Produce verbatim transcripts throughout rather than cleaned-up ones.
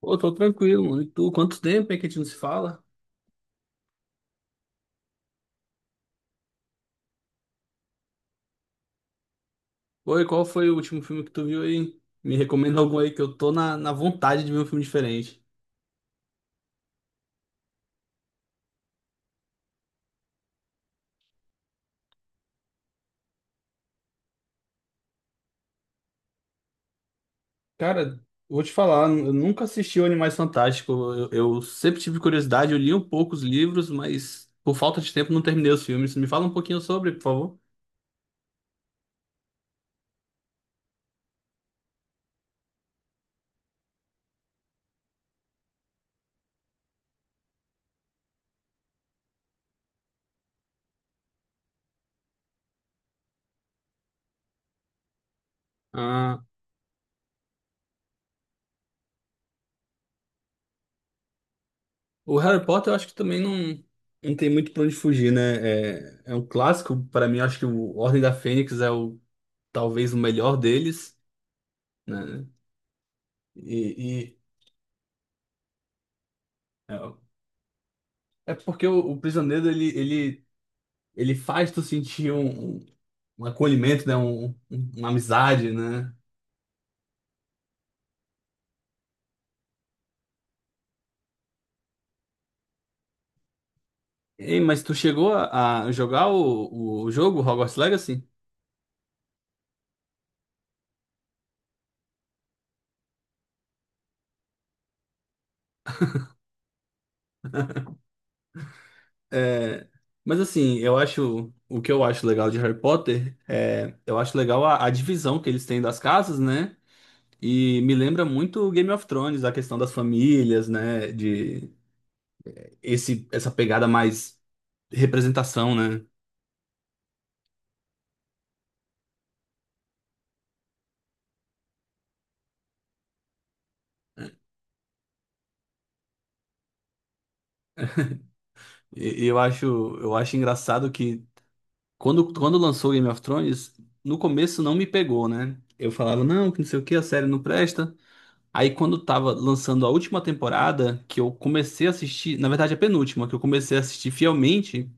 Pô, tô tranquilo, mano. E tu, quanto tempo é que a gente não se fala? Oi, qual foi o último filme que tu viu aí? Me recomenda algum aí que eu tô na, na vontade de ver um filme diferente. Cara, vou te falar, eu nunca assisti o Animais Fantásticos. Eu, eu sempre tive curiosidade, eu li um pouco os livros, mas por falta de tempo não terminei os filmes. Me fala um pouquinho sobre, por favor. Ah, o Harry Potter eu acho que também não, não tem muito pra onde fugir, né? É, é um clássico, pra mim, eu acho que o Ordem da Fênix é o talvez o melhor deles, né? E, É, é porque o, o prisioneiro ele, ele, ele faz tu sentir um, um um acolhimento, né? Um, um- uma amizade, né? Ei, mas tu chegou a, a jogar o, o jogo Hogwarts Legacy? É, mas assim, eu acho o que eu acho legal de Harry Potter é eu acho legal a, a divisão que eles têm das casas, né? E me lembra muito Game of Thrones, a questão das famílias, né? De esse essa pegada mais representação, né? E e eu acho, eu acho engraçado que Quando, quando lançou Game of Thrones, no começo não me pegou, né? Eu falava, não, que não sei o que, a série não presta. Aí quando tava lançando a última temporada, que eu comecei a assistir, na verdade a penúltima, que eu comecei a assistir fielmente,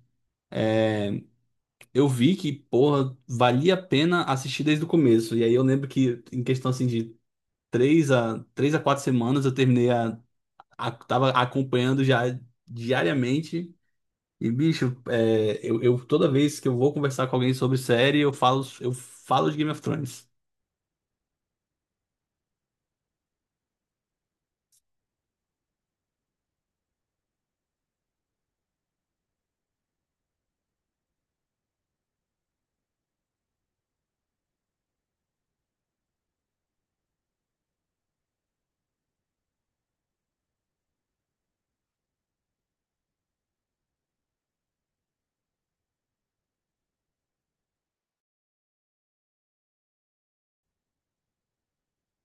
eu vi que, porra, valia a pena assistir desde o começo. E aí eu lembro que, em questão assim de três a, três a quatro semanas, eu terminei a, a- tava acompanhando já diariamente. E, bicho, é, eu, eu- toda vez que eu vou conversar com alguém sobre série, eu falo, eu falo de Game of Thrones.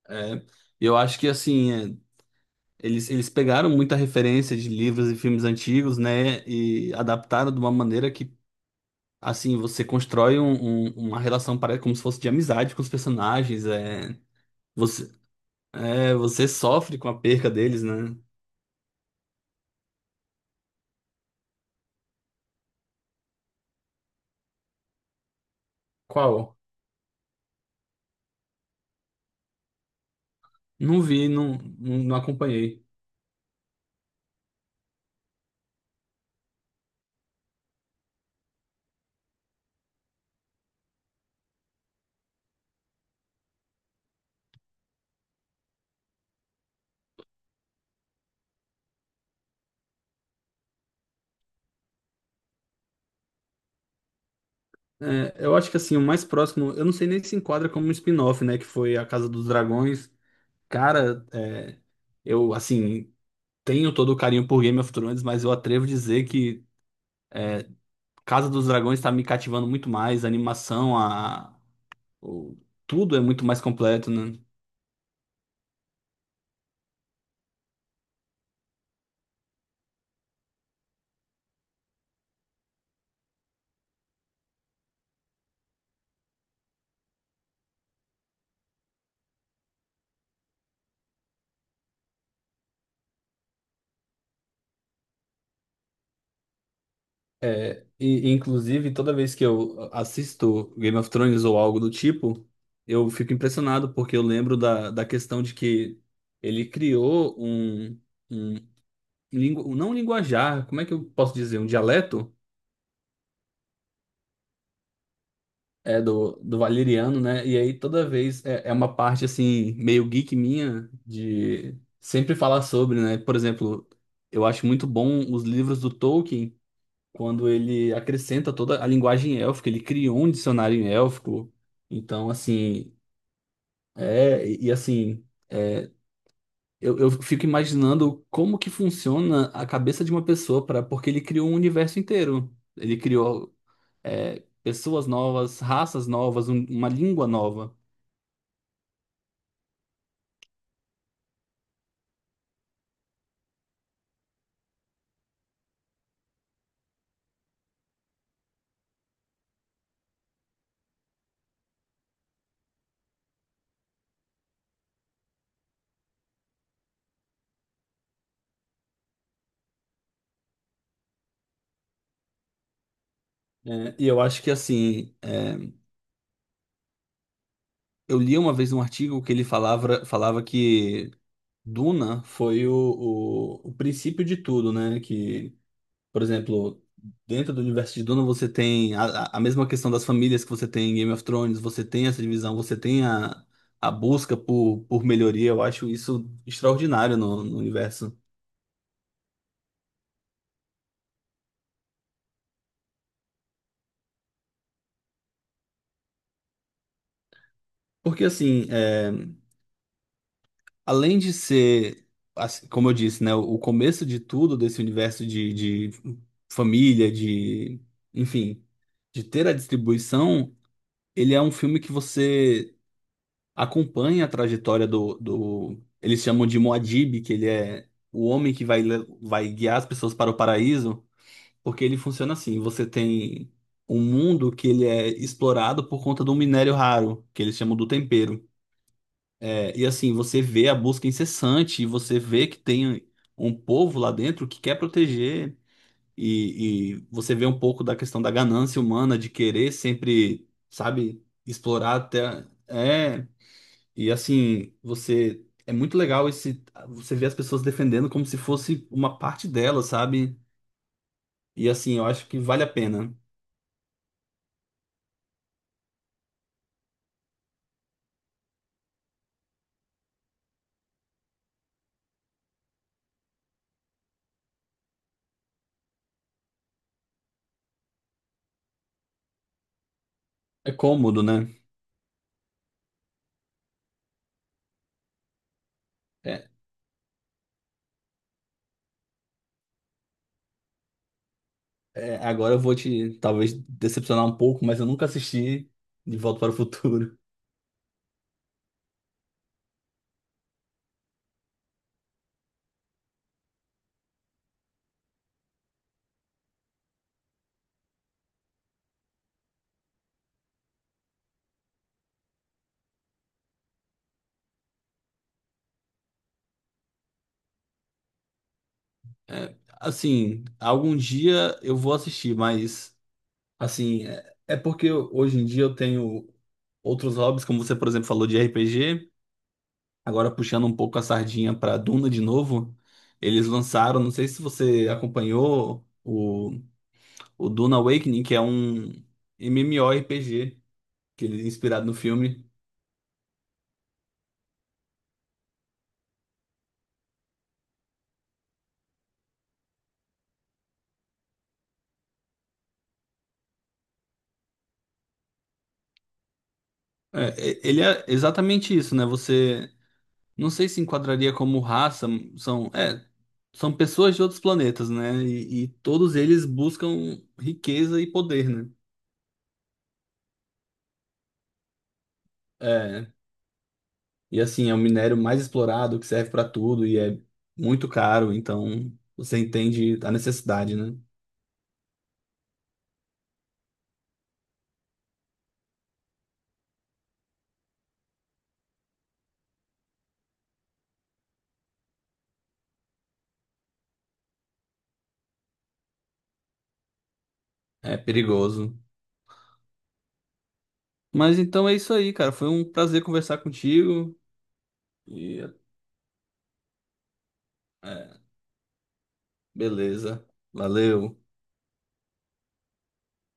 É, eu acho que, assim, é, eles, eles pegaram muita referência de livros e filmes antigos, né? E adaptaram de uma maneira que, assim, você constrói um- um- uma relação pare- como se fosse de amizade com os personagens. É, você, é, você sofre com a perca deles, né? Qual? Não vi, não, não não acompanhei. É, eu acho que assim, o mais próximo, eu não sei nem se enquadra como um spin-off, né? Que foi A Casa dos Dragões. Cara, é, eu assim, tenho todo o carinho por Game of Thrones, mas eu atrevo a dizer que Casa dos Dragões tá me cativando muito mais, a animação, a, o- tudo é muito mais completo, né? É, e, e, inclusive, toda vez que eu assisto Game of Thrones ou algo do tipo, eu fico impressionado, porque eu lembro da, da questão de que ele criou um. um- lingu, não linguajar, como é que eu posso dizer? Um dialeto é do, do valeriano, né? E aí toda vez é, é uma parte assim, meio geek minha de sempre falar sobre, né? Por exemplo, eu acho muito bom os livros do Tolkien, quando ele acrescenta toda a linguagem élfica, ele criou um dicionário élfico. Então, assim, é, e e, assim, é, eu, eu fico imaginando como que funciona a cabeça de uma pessoa para, porque ele criou um universo inteiro. Ele criou é, pessoas novas, raças novas, um- uma língua nova. É, e eu acho que assim, é, eu li uma vez um artigo que ele falava, falava que Duna foi o, o, o princípio de tudo, né? Que, por exemplo, dentro do universo de Duna você tem a, a a mesma questão das famílias que você tem em Game of Thrones, você tem essa divisão, você tem a, a busca por, por melhoria. Eu acho isso extraordinário no, no universo. Porque assim, é, além de ser, assim, como eu disse, né, o começo de tudo desse universo de, de família, de, enfim, de ter a distribuição, ele é um filme que você acompanha a trajetória do, do, eles chamam de Muad'Dib, que ele é o homem que vai, le- vai guiar as pessoas para o paraíso, porque ele funciona assim, você tem um mundo que ele é explorado por conta de um minério raro, que eles chamam do tempero. É, e assim, você vê a busca incessante, e você vê que tem um povo lá dentro que quer proteger, e, e você vê um pouco da questão da ganância humana de querer sempre, sabe, explorar até. É, e assim, você. É muito legal esse. Você vê as pessoas defendendo como se fosse uma parte delas, sabe? E assim, eu acho que vale a pena. É cômodo, né? É, é, agora eu vou te, talvez, decepcionar um pouco, mas eu nunca assisti De Volta para o Futuro. É, assim, algum dia eu vou assistir, mas assim, é, é porque eu- hoje em dia eu tenho outros hobbies, como você, por exemplo, falou de R P G. Agora puxando um pouco a sardinha para Duna de novo, eles lançaram, não sei se você acompanhou o, o Duna Awakening, que é um M M O R P G que ele é inspirado no filme. É, é- ele é exatamente isso, né? Você não sei se enquadraria como raça, são, é, são pessoas de outros planetas, né? E, e todos eles buscam riqueza e poder, né? É, e assim, é o minério mais explorado, que serve para tudo e é muito caro, então você entende a necessidade, né? É perigoso. Mas então é isso aí, cara. Foi um prazer conversar contigo e é, beleza. Valeu.